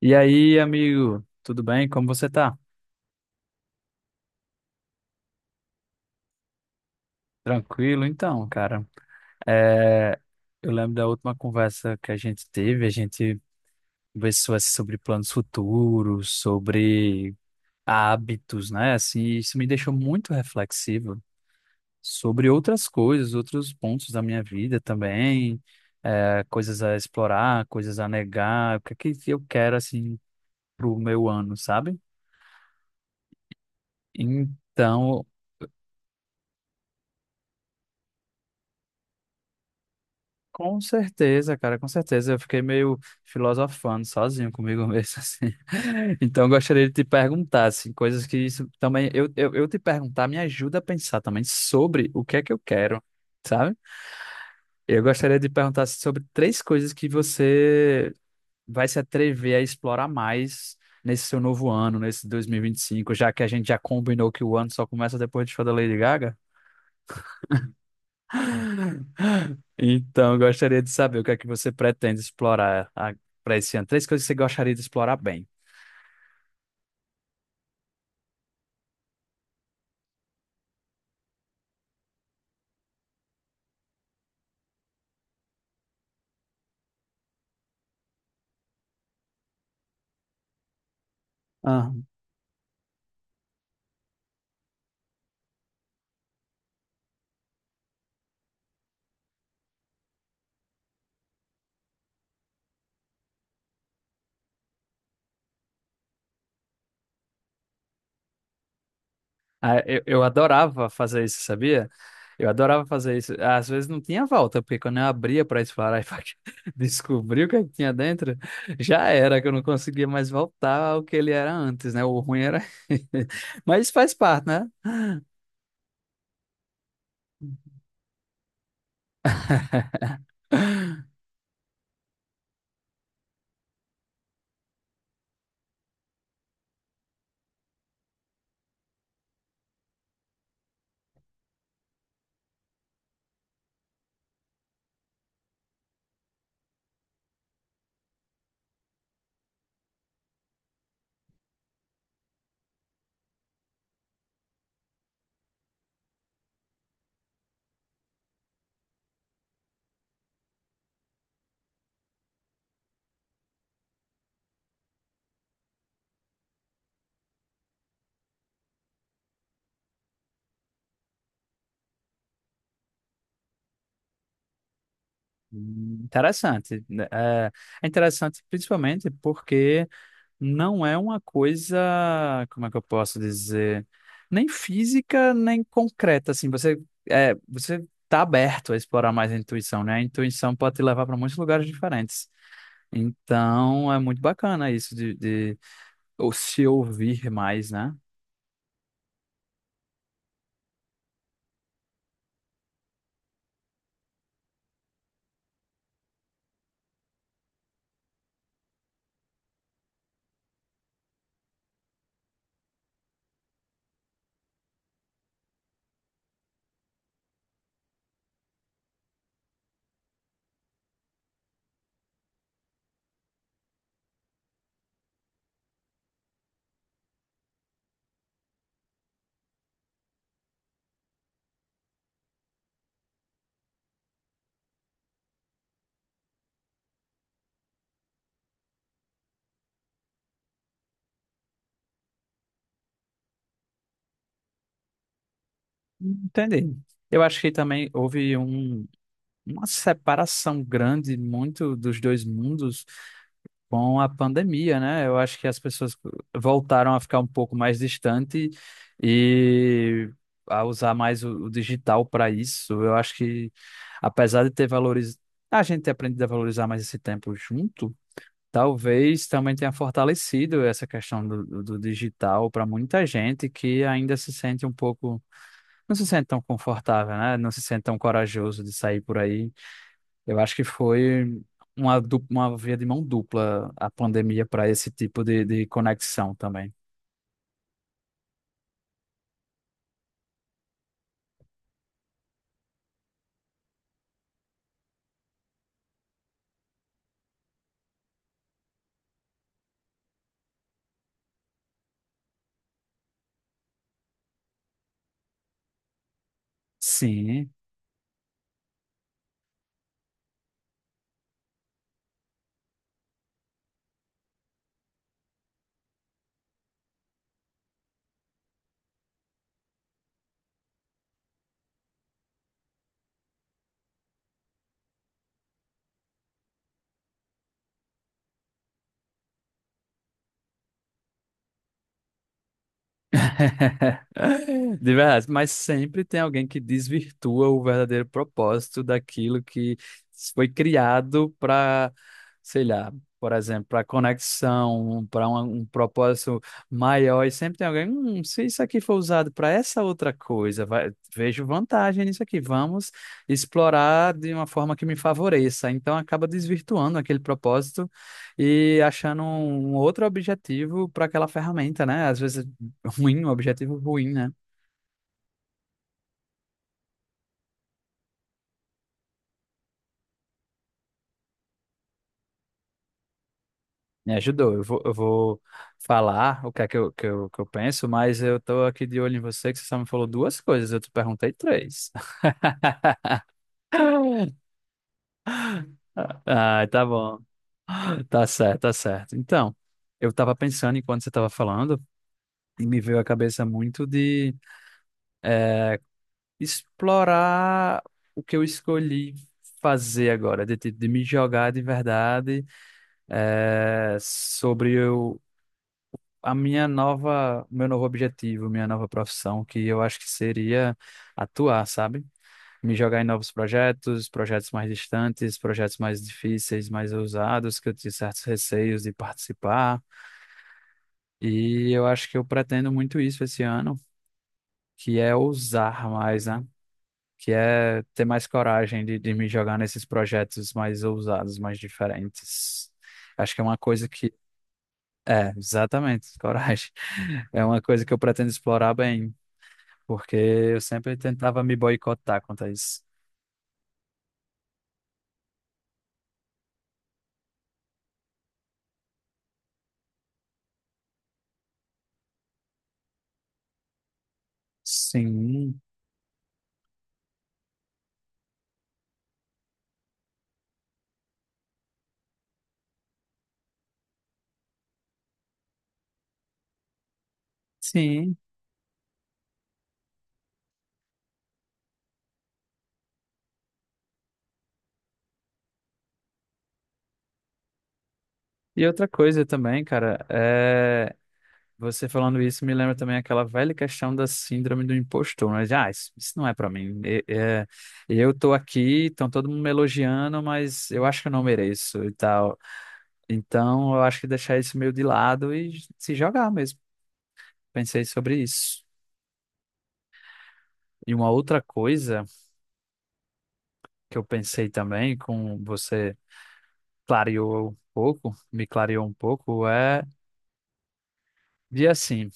E aí, amigo, tudo bem? Como você tá? Tranquilo? Então, cara, é, eu lembro da última conversa que a gente teve, a gente conversou assim, sobre planos futuros, sobre hábitos, né? Assim, isso me deixou muito reflexivo sobre outras coisas, outros pontos da minha vida também, coisas a explorar, coisas a negar, o que é que eu quero, assim, pro meu ano, sabe? Então, com certeza, cara, com certeza. Eu fiquei meio filosofando sozinho comigo mesmo, assim. Então, eu gostaria de te perguntar, assim, coisas que isso também. Eu te perguntar me ajuda a pensar também sobre o que é que eu quero, sabe? Eu gostaria de perguntar assim, sobre três coisas que você vai se atrever a explorar mais nesse seu novo ano, nesse 2025, já que a gente já combinou que o ano só começa depois do show da Lady Gaga. Então, eu gostaria de saber o que é que você pretende explorar para esse ano. Três coisas que você gostaria de explorar bem. Ah. Ah, eu adorava fazer isso, sabia? Eu adorava fazer isso. Às vezes não tinha volta, porque quando eu abria para explorar e pra descobrir o que é que tinha dentro, já era, que eu não conseguia mais voltar ao que ele era antes, né? O ruim era. Mas isso faz parte, né? Interessante, né? É interessante, principalmente porque não é uma coisa, como é que eu posso dizer, nem física, nem concreta, assim, você você tá aberto a explorar mais a intuição, né? A intuição pode te levar para muitos lugares diferentes. Então, é muito bacana isso de ou se ouvir mais, né? Entendi. Eu acho que também houve um, uma separação grande muito dos dois mundos com a pandemia, né? Eu acho que as pessoas voltaram a ficar um pouco mais distante e a usar mais o digital para isso. Eu acho que, apesar de ter valores, a gente ter aprendido a valorizar mais esse tempo junto, talvez também tenha fortalecido essa questão do, do digital para muita gente que ainda se sente um pouco, não se sente tão confortável, né? Não se sente tão corajoso de sair por aí. Eu acho que foi uma, uma via de mão dupla a pandemia para esse tipo de conexão também. Sim. De verdade, mas sempre tem alguém que desvirtua o verdadeiro propósito daquilo que foi criado para, sei lá, por exemplo, para conexão, para um, um propósito maior. E sempre tem alguém: se isso aqui for usado para essa outra coisa, vejo vantagem nisso aqui, vamos explorar de uma forma que me favoreça." Então acaba desvirtuando aquele propósito e achando um outro objetivo para aquela ferramenta, né? Às vezes ruim, um objetivo ruim, né? Me ajudou. Eu vou falar o que é que eu penso, mas eu tô aqui de olho em você, que você só me falou duas coisas, eu te perguntei três. Ah, tá bom. Tá certo. Então, eu tava pensando enquanto você tava falando, e me veio à cabeça muito de explorar o que eu escolhi fazer agora, de, de me jogar de verdade, sobre o a minha nova, meu novo objetivo, minha nova profissão, que eu acho que seria atuar, sabe? Me jogar em novos projetos, projetos mais distantes, projetos mais difíceis, mais ousados, que eu tinha certos receios de participar. E eu acho que eu pretendo muito isso esse ano, que é ousar mais, né? Que é ter mais coragem de me jogar nesses projetos mais ousados, mais diferentes. Acho que é uma coisa que. É, exatamente, coragem. É uma coisa que eu pretendo explorar bem, porque eu sempre tentava me boicotar quanto a isso. Sim, sim. E outra coisa também, cara, é... você falando isso me lembra também aquela velha questão da síndrome do impostor, né? De: ah, isso não é pra mim. Eu tô aqui, estão todo mundo me elogiando, mas eu acho que eu não mereço e tal. Então, eu acho que deixar isso meio de lado e se jogar mesmo. Pensei sobre isso. E uma outra coisa que eu pensei também com você. Clareou um pouco, me clareou um pouco, é de assim,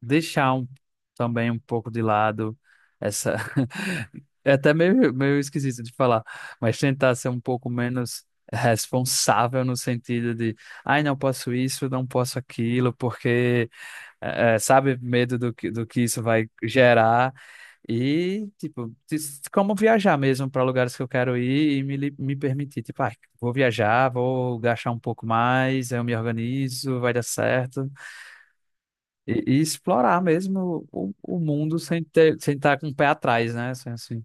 deixar um, também um pouco de lado essa. É até meio esquisito de falar, mas tentar ser um pouco menos responsável no sentido de, ai, não posso isso, não posso aquilo, porque sabe? Medo do que isso vai gerar. E, tipo, como viajar mesmo para lugares que eu quero ir e me, me permitir. Tipo, ah, vou viajar, vou gastar um pouco mais, eu me organizo, vai dar certo. E, e explorar mesmo o mundo sem ter, sem estar com o pé atrás, né? Assim.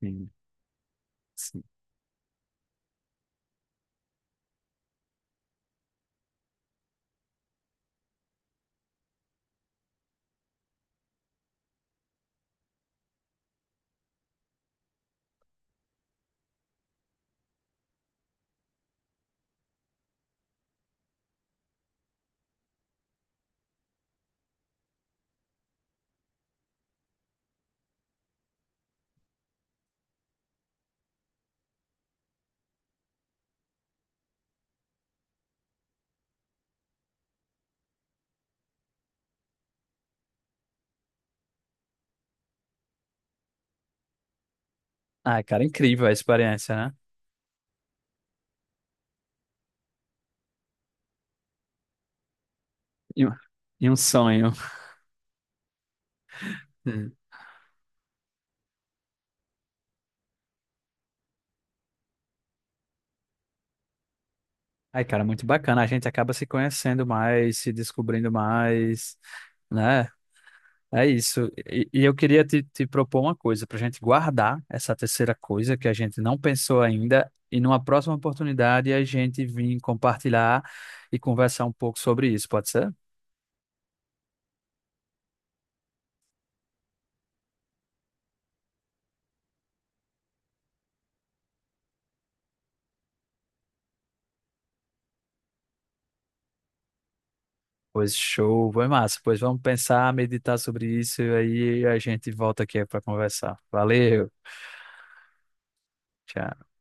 Sim, sim. Ai, cara, incrível a experiência, né? E, e um sonho. Sim. Ai, cara, muito bacana. A gente acaba se conhecendo mais, se descobrindo mais, né? É isso. E eu queria te propor uma coisa para a gente guardar essa terceira coisa que a gente não pensou ainda e numa próxima oportunidade a gente vir compartilhar e conversar um pouco sobre isso, pode ser? Pois show, foi massa. Pois vamos pensar, meditar sobre isso e aí a gente volta aqui para conversar. Valeu, tchau.